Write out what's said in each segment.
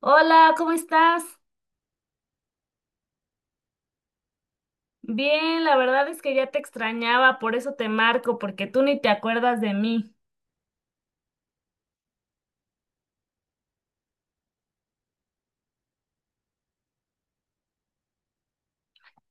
Hola, ¿cómo estás? Bien, la verdad es que ya te extrañaba, por eso te marco, porque tú ni te acuerdas de mí.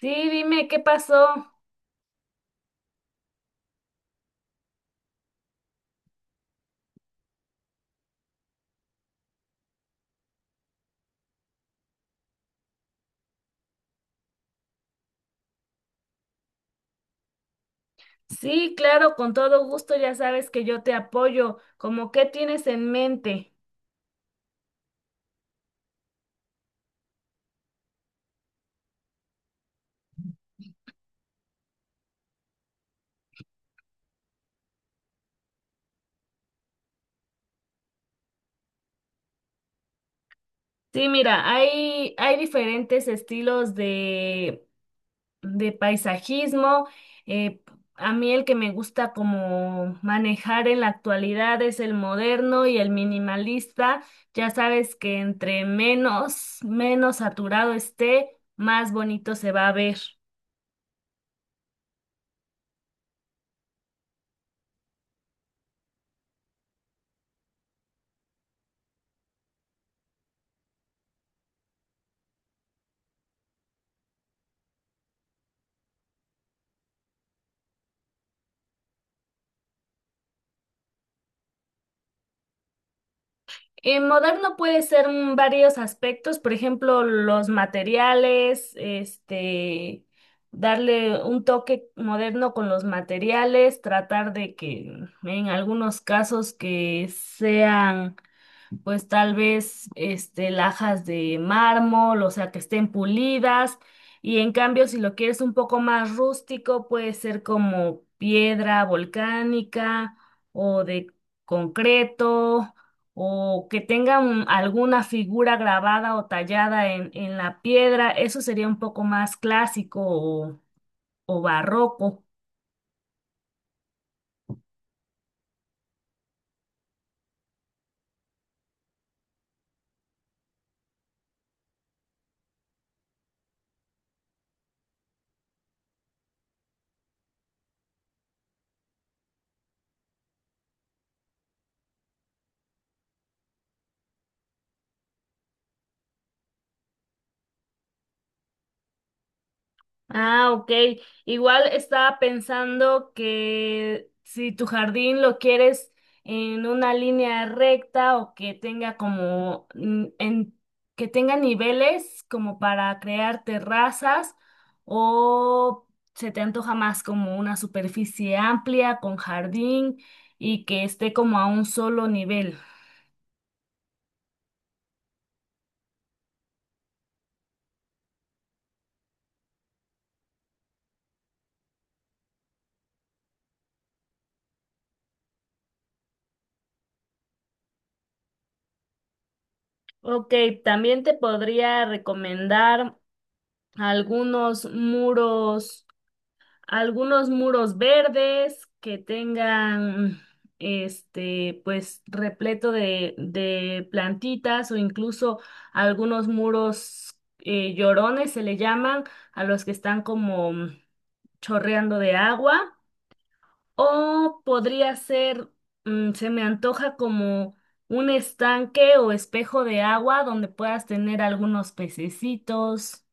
Sí, dime, ¿qué pasó? Sí, claro, con todo gusto, ya sabes que yo te apoyo. ¿Cómo qué tienes en mente? Sí, mira, hay diferentes estilos de paisajismo. eh, a mí el que me gusta como manejar en la actualidad es el moderno y el minimalista. Ya sabes que entre menos saturado esté, más bonito se va a ver. En moderno puede ser varios aspectos, por ejemplo, los materiales, darle un toque moderno con los materiales, tratar de que en algunos casos que sean pues tal vez lajas de mármol, o sea, que estén pulidas. Y en cambio, si lo quieres un poco más rústico, puede ser como piedra volcánica o de concreto, o que tenga alguna figura grabada o tallada en la piedra. Eso sería un poco más clásico o barroco. Ah, ok. Igual estaba pensando que si tu jardín lo quieres en una línea recta o que tenga como en que tenga niveles como para crear terrazas o se te antoja más como una superficie amplia con jardín y que esté como a un solo nivel. Ok, también te podría recomendar algunos muros algunos muros verdes que tengan, pues repleto de plantitas o incluso algunos muros llorones se le llaman a los que están como chorreando de agua o se me antoja como un estanque o espejo de agua donde puedas tener algunos pececitos.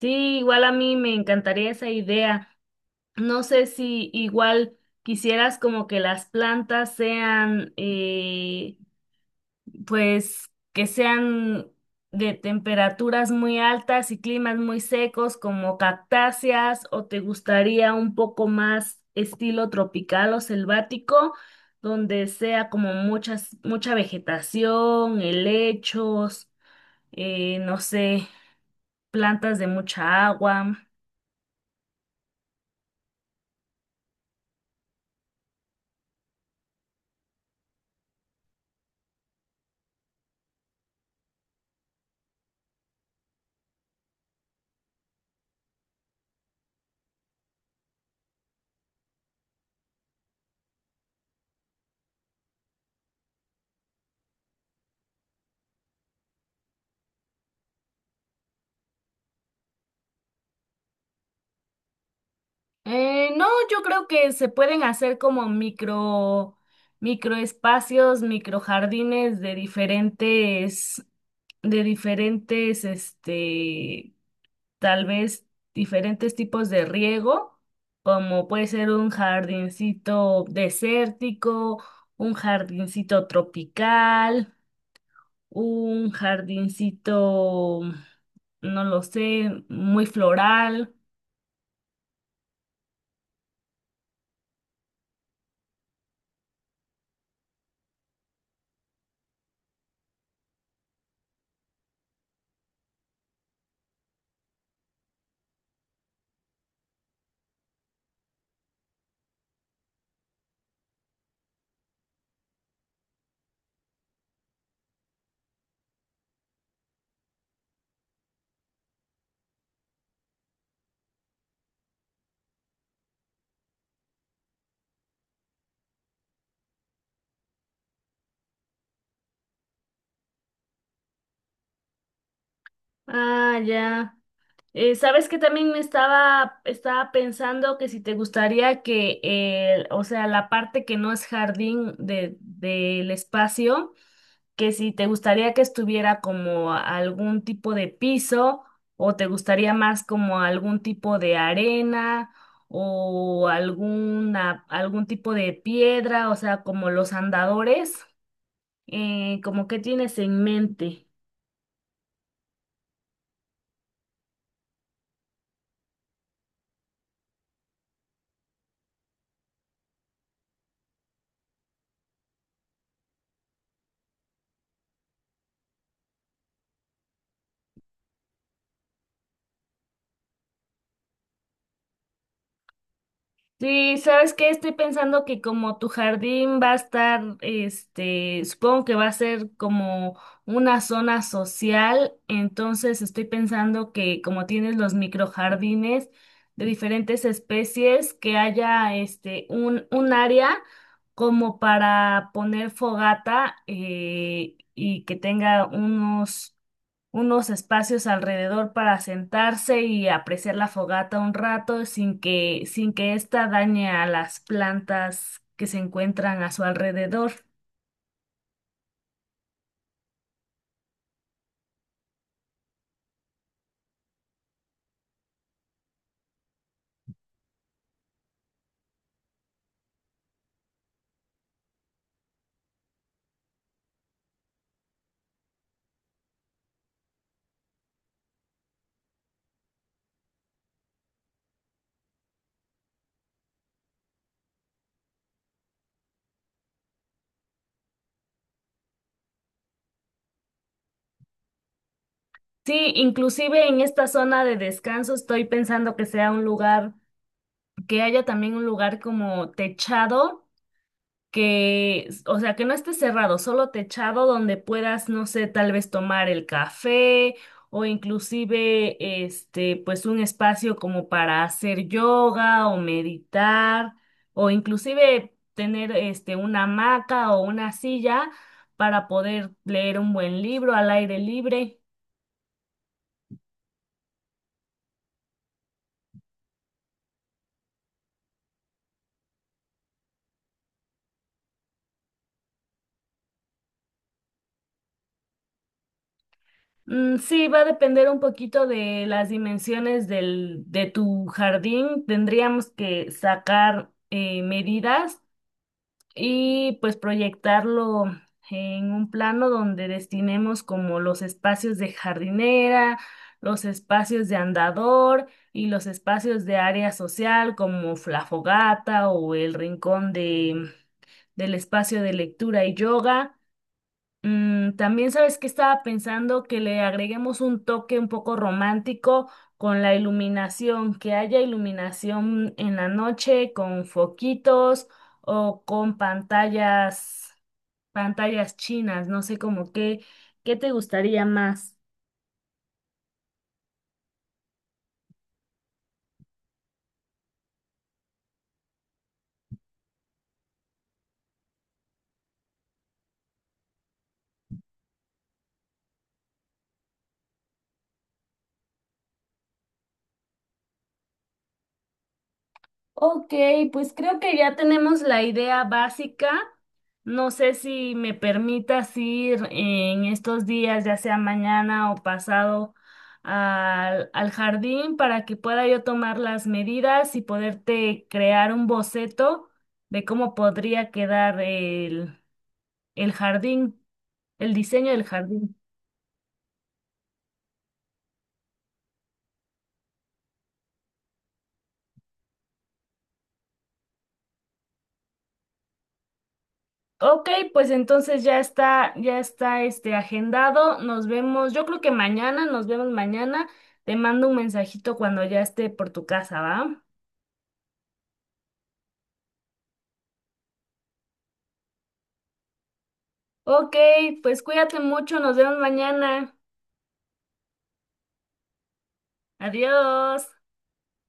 Sí, igual a mí me encantaría esa idea. No sé si igual quisieras como que las plantas sean, pues, que sean de temperaturas muy altas y climas muy secos como cactáceas, o te gustaría un poco más estilo tropical o selvático, donde sea como mucha vegetación, helechos, no sé, plantas de mucha agua. No, yo creo que se pueden hacer como microespacios, microjardines de diferentes, tal vez diferentes tipos de riego, como puede ser un jardincito desértico, un jardincito tropical, un jardincito, no lo sé, muy floral. Ah, ya. Sabes que también me estaba pensando que si te gustaría que, o sea, la parte que no es jardín de, del espacio, que si te gustaría que estuviera como algún tipo de piso o te gustaría más como algún tipo de arena o algún tipo de piedra, o sea, como los andadores, como qué tienes en mente. Sí, ¿sabes que estoy pensando que como tu jardín va a estar, este, supongo que va a ser como una zona social? Entonces estoy pensando que como tienes los microjardines de diferentes especies, que haya este un área como para poner fogata y que tenga unos unos espacios alrededor para sentarse y apreciar la fogata un rato sin que ésta dañe a las plantas que se encuentran a su alrededor. Sí, inclusive en esta zona de descanso estoy pensando que sea un lugar, que haya también un lugar como techado que, o sea, que no esté cerrado, solo techado donde puedas, no sé, tal vez tomar el café o inclusive, pues un espacio como para hacer yoga o meditar o inclusive tener, una hamaca o una silla para poder leer un buen libro al aire libre. Sí, va a depender un poquito de las dimensiones del, de tu jardín. Tendríamos que sacar medidas y pues proyectarlo en un plano donde destinemos como los espacios de jardinera, los espacios de andador y los espacios de área social como la fogata o el rincón de, del espacio de lectura y yoga. También sabes que estaba pensando que le agreguemos un toque un poco romántico con la iluminación, que haya iluminación en la noche con foquitos o con pantallas, pantallas chinas, no sé como qué, ¿qué te gustaría más? Ok, pues creo que ya tenemos la idea básica. No sé si me permitas ir en estos días, ya sea mañana o pasado, al jardín para que pueda yo tomar las medidas y poderte crear un boceto de cómo podría quedar el jardín, el diseño del jardín. Ok, pues entonces ya está este agendado. Nos vemos, yo creo que mañana, nos vemos mañana. Te mando un mensajito cuando ya esté por tu casa, ¿va? Ok, pues cuídate mucho, nos vemos mañana. Adiós.